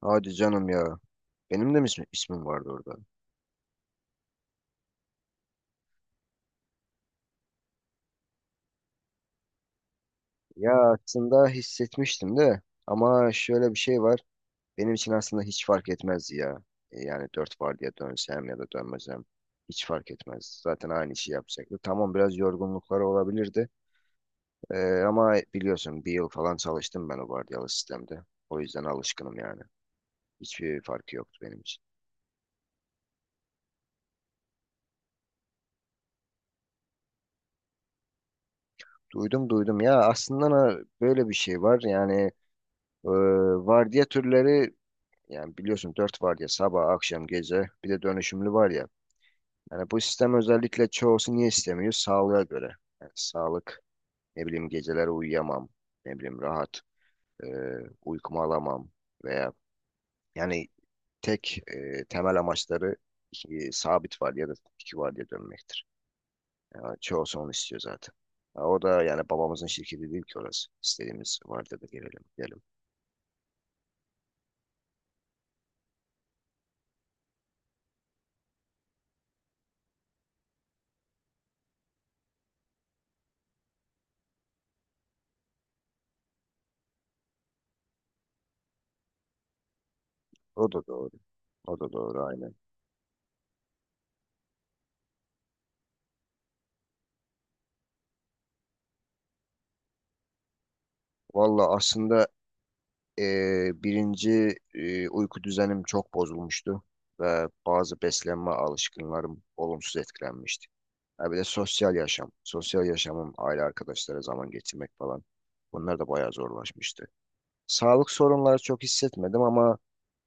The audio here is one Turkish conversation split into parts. Hadi canım ya. Benim de mi ismim vardı orada? Ya aslında hissetmiştim de, ama şöyle bir şey var. Benim için aslında hiç fark etmezdi ya. Yani dört var diye dönsem ya da dönmesem hiç fark etmez. Zaten aynı işi yapacaktı. Tamam, biraz yorgunlukları olabilirdi. E, Ama biliyorsun bir yıl falan çalıştım ben o vardiyalı sistemde. O yüzden alışkınım yani. Hiçbir farkı yoktu benim için. Duydum duydum ya, aslında böyle bir şey var. Yani e, vardiya türleri. Yani biliyorsun 4 var ya: sabah, akşam, gece, bir de dönüşümlü var ya. Yani bu sistem özellikle, çoğusu niye istemiyor? Sağlığa göre. Yani sağlık, ne bileyim geceleri uyuyamam, ne bileyim rahat e, uykumu alamam, veya yani tek temel amaçları iki, sabit var ya da iki var diye dönmektir. Yani çoğusu onu istiyor zaten. Ha, o da yani babamızın şirketi değil ki orası. İstediğimiz var da gelelim, gidelim. O da doğru. O da doğru, aynen. Valla aslında, birinci, uyku düzenim çok bozulmuştu ve bazı beslenme alışkanlarım olumsuz etkilenmişti. Ha, bir de sosyal yaşam, sosyal yaşamım, aile arkadaşlara zaman geçirmek falan, bunlar da bayağı zorlaşmıştı. Sağlık sorunları çok hissetmedim, ama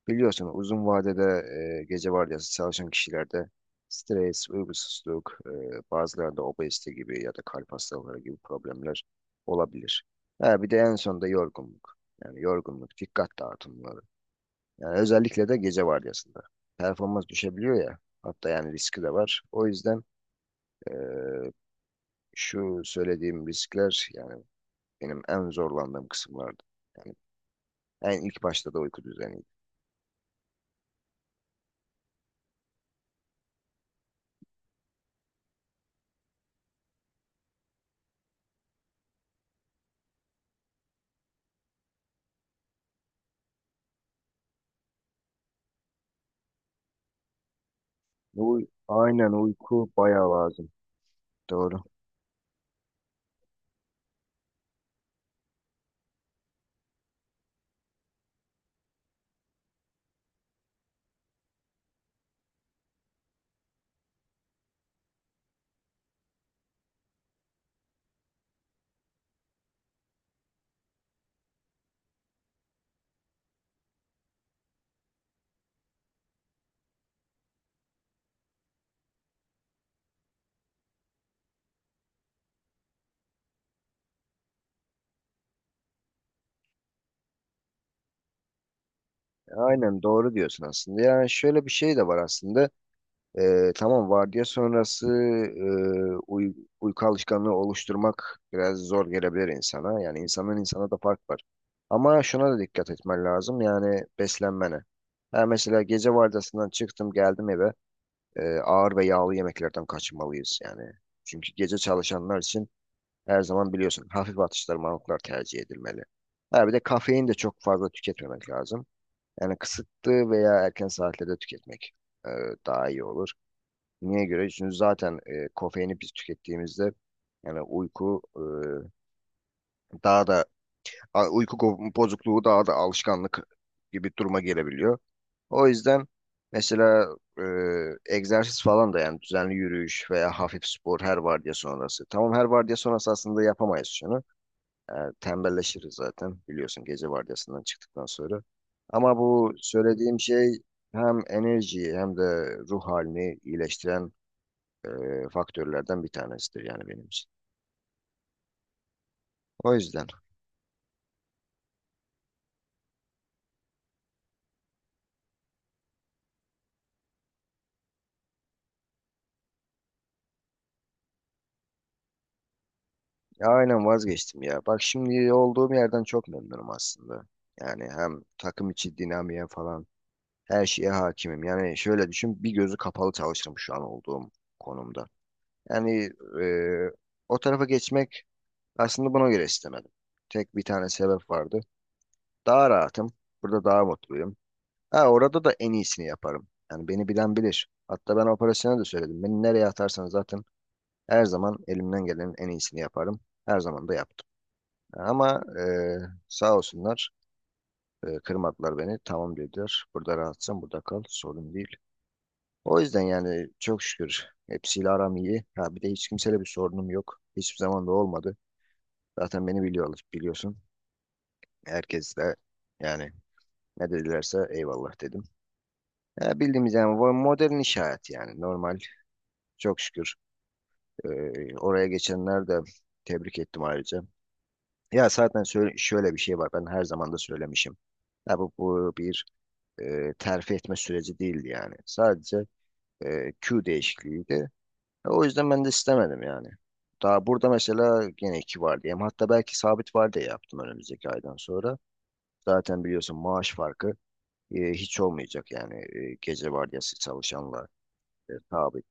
biliyorsun uzun vadede gece vardiyası çalışan kişilerde stres, uykusuzluk, bazılarında obezite gibi ya da kalp hastalıkları gibi problemler olabilir. Ha, bir de en sonunda yorgunluk. Yani yorgunluk, dikkat dağıtımları. Yani özellikle de gece vardiyasında. Performans düşebiliyor ya. Hatta yani riski de var. O yüzden e, şu söylediğim riskler yani benim en zorlandığım kısımlardı. Yani en ilk başta da uyku düzeniydi. Bu, aynen uyku bayağı lazım. Doğru. Aynen doğru diyorsun aslında. Yani şöyle bir şey de var aslında. Tamam, vardiya sonrası e, uy- uyku alışkanlığı oluşturmak biraz zor gelebilir insana. Yani insandan insana da fark var. Ama şuna da dikkat etmen lazım. Yani beslenmene. Ha mesela, gece vardiyasından çıktım, geldim eve. Ağır ve yağlı yemeklerden kaçınmalıyız yani. Çünkü gece çalışanlar için her zaman biliyorsun hafif atıştırmalıklar tercih edilmeli. Ha bir de kafein de çok fazla tüketmemek lazım. Yani kısıtlı veya erken saatlerde tüketmek e, daha iyi olur. Niye göre? Çünkü zaten kofeini biz tükettiğimizde yani uyku, daha da bozukluğu daha da alışkanlık gibi duruma gelebiliyor. O yüzden mesela e, egzersiz falan da, yani düzenli yürüyüş veya hafif spor her vardiya sonrası. Tamam, her vardiya sonrası aslında yapamayız şunu. E, Tembelleşiriz zaten biliyorsun gece vardiyasından çıktıktan sonra. Ama bu söylediğim şey hem enerjiyi hem de ruh halini iyileştiren e, faktörlerden bir tanesidir yani benim için. O yüzden ya aynen, vazgeçtim ya. Bak, şimdi olduğum yerden çok memnunum aslında. Yani hem takım içi dinamiğe falan, her şeye hakimim. Yani şöyle düşün, bir gözü kapalı çalışırım şu an olduğum konumda. Yani e, o tarafa geçmek, aslında buna göre istemedim. Tek bir tane sebep vardı. Daha rahatım. Burada daha mutluyum. Ha, orada da en iyisini yaparım. Yani beni bilen bilir. Hatta ben operasyona da söyledim, beni nereye atarsanız zaten her zaman elimden gelenin en iyisini yaparım. Her zaman da yaptım. Ama sağ olsunlar, kırmadılar beni. Tamam dediler. Burada rahatsın, burada kal. Sorun değil. O yüzden yani çok şükür hepsiyle aram iyi. Ha bir de hiç kimseyle bir sorunum yok. Hiçbir zaman da olmadı. Zaten beni biliyorlar, biliyorsun. Herkesle yani, ne dedilerse eyvallah dedim. Ya bildiğimiz yani, bu modern iş hayatı yani, normal, çok şükür. Ee, Oraya geçenler de, tebrik ettim ayrıca. Ya zaten şöyle bir şey var, ben her zaman da söylemişim. Ya bu bir terfi etme süreci değildi yani. Sadece Q değişikliğiydi. O yüzden ben de istemedim yani. Daha burada mesela gene iki var diyeyim. Hatta belki sabit var diye yaptım önümüzdeki aydan sonra. Zaten biliyorsun maaş farkı hiç olmayacak yani, gece vardiyası çalışanlar, sabit.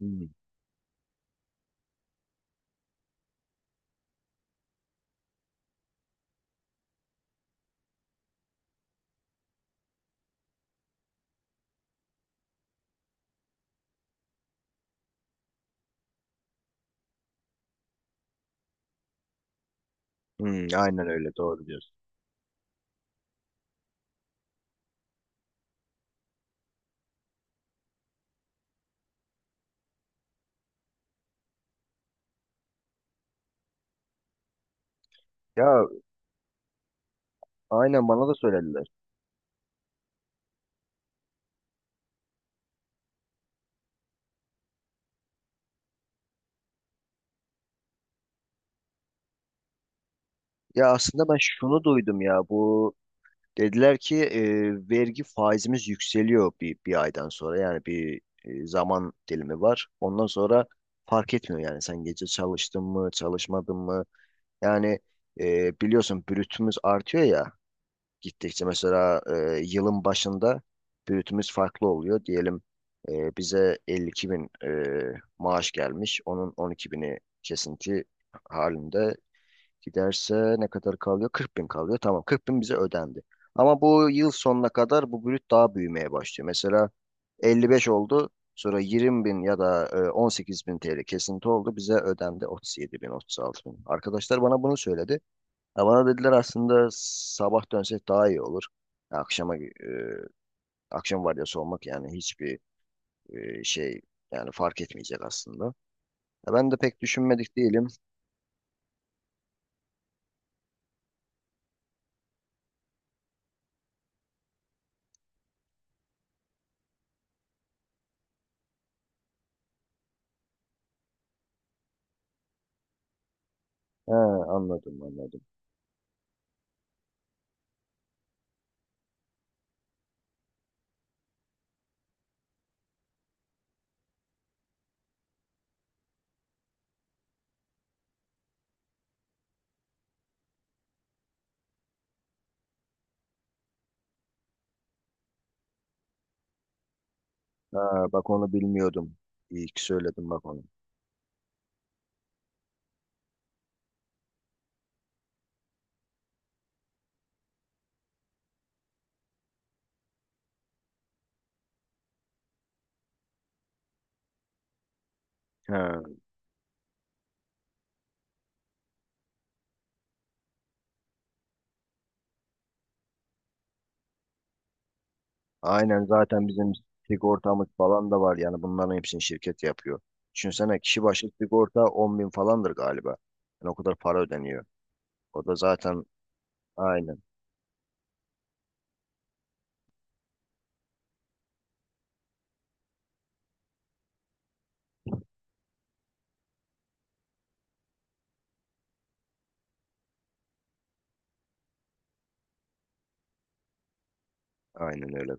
Hmm. Hmm, aynen öyle, doğru diyorsun. Ya aynen, bana da söylediler. Ya aslında ben şunu duydum ya, bu dediler ki vergi faizimiz yükseliyor bir aydan sonra, yani bir zaman dilimi var. Ondan sonra fark etmiyor yani, sen gece çalıştın mı çalışmadın mı, yani biliyorsun brütümüz artıyor ya. Gittikçe mesela yılın başında brütümüz farklı oluyor. Diyelim bize 52 bin maaş gelmiş. Onun 12 bini kesinti halinde giderse ne kadar kalıyor? 40 bin kalıyor. Tamam, 40 bin bize ödendi. Ama bu yıl sonuna kadar bu brüt daha büyümeye başlıyor. Mesela 55 oldu. Sonra 20 bin ya da 18 bin TL kesinti oldu. Bize ödendi 37 bin, 36 bin. Arkadaşlar bana bunu söyledi. Ya bana dediler, aslında sabah dönsek daha iyi olur. Ya akşama, akşam vardiyası olmak yani hiçbir şey yani, fark etmeyecek aslında. Ya ben de pek düşünmedik değilim. He, anladım anladım. Ha, bak onu bilmiyordum. İyi ki söyledim bak onu. He. Aynen, zaten bizim sigortamız falan da var yani, bunların hepsini şirket yapıyor. Düşünsene kişi başı sigorta 10 bin falandır galiba. Yani o kadar para ödeniyor. O da zaten aynen, aynen öyle.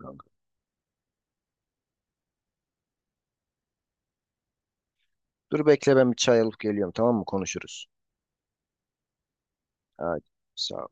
Dur bekle, ben bir çay alıp geliyorum, tamam mı? Konuşuruz. Hadi, sağ ol.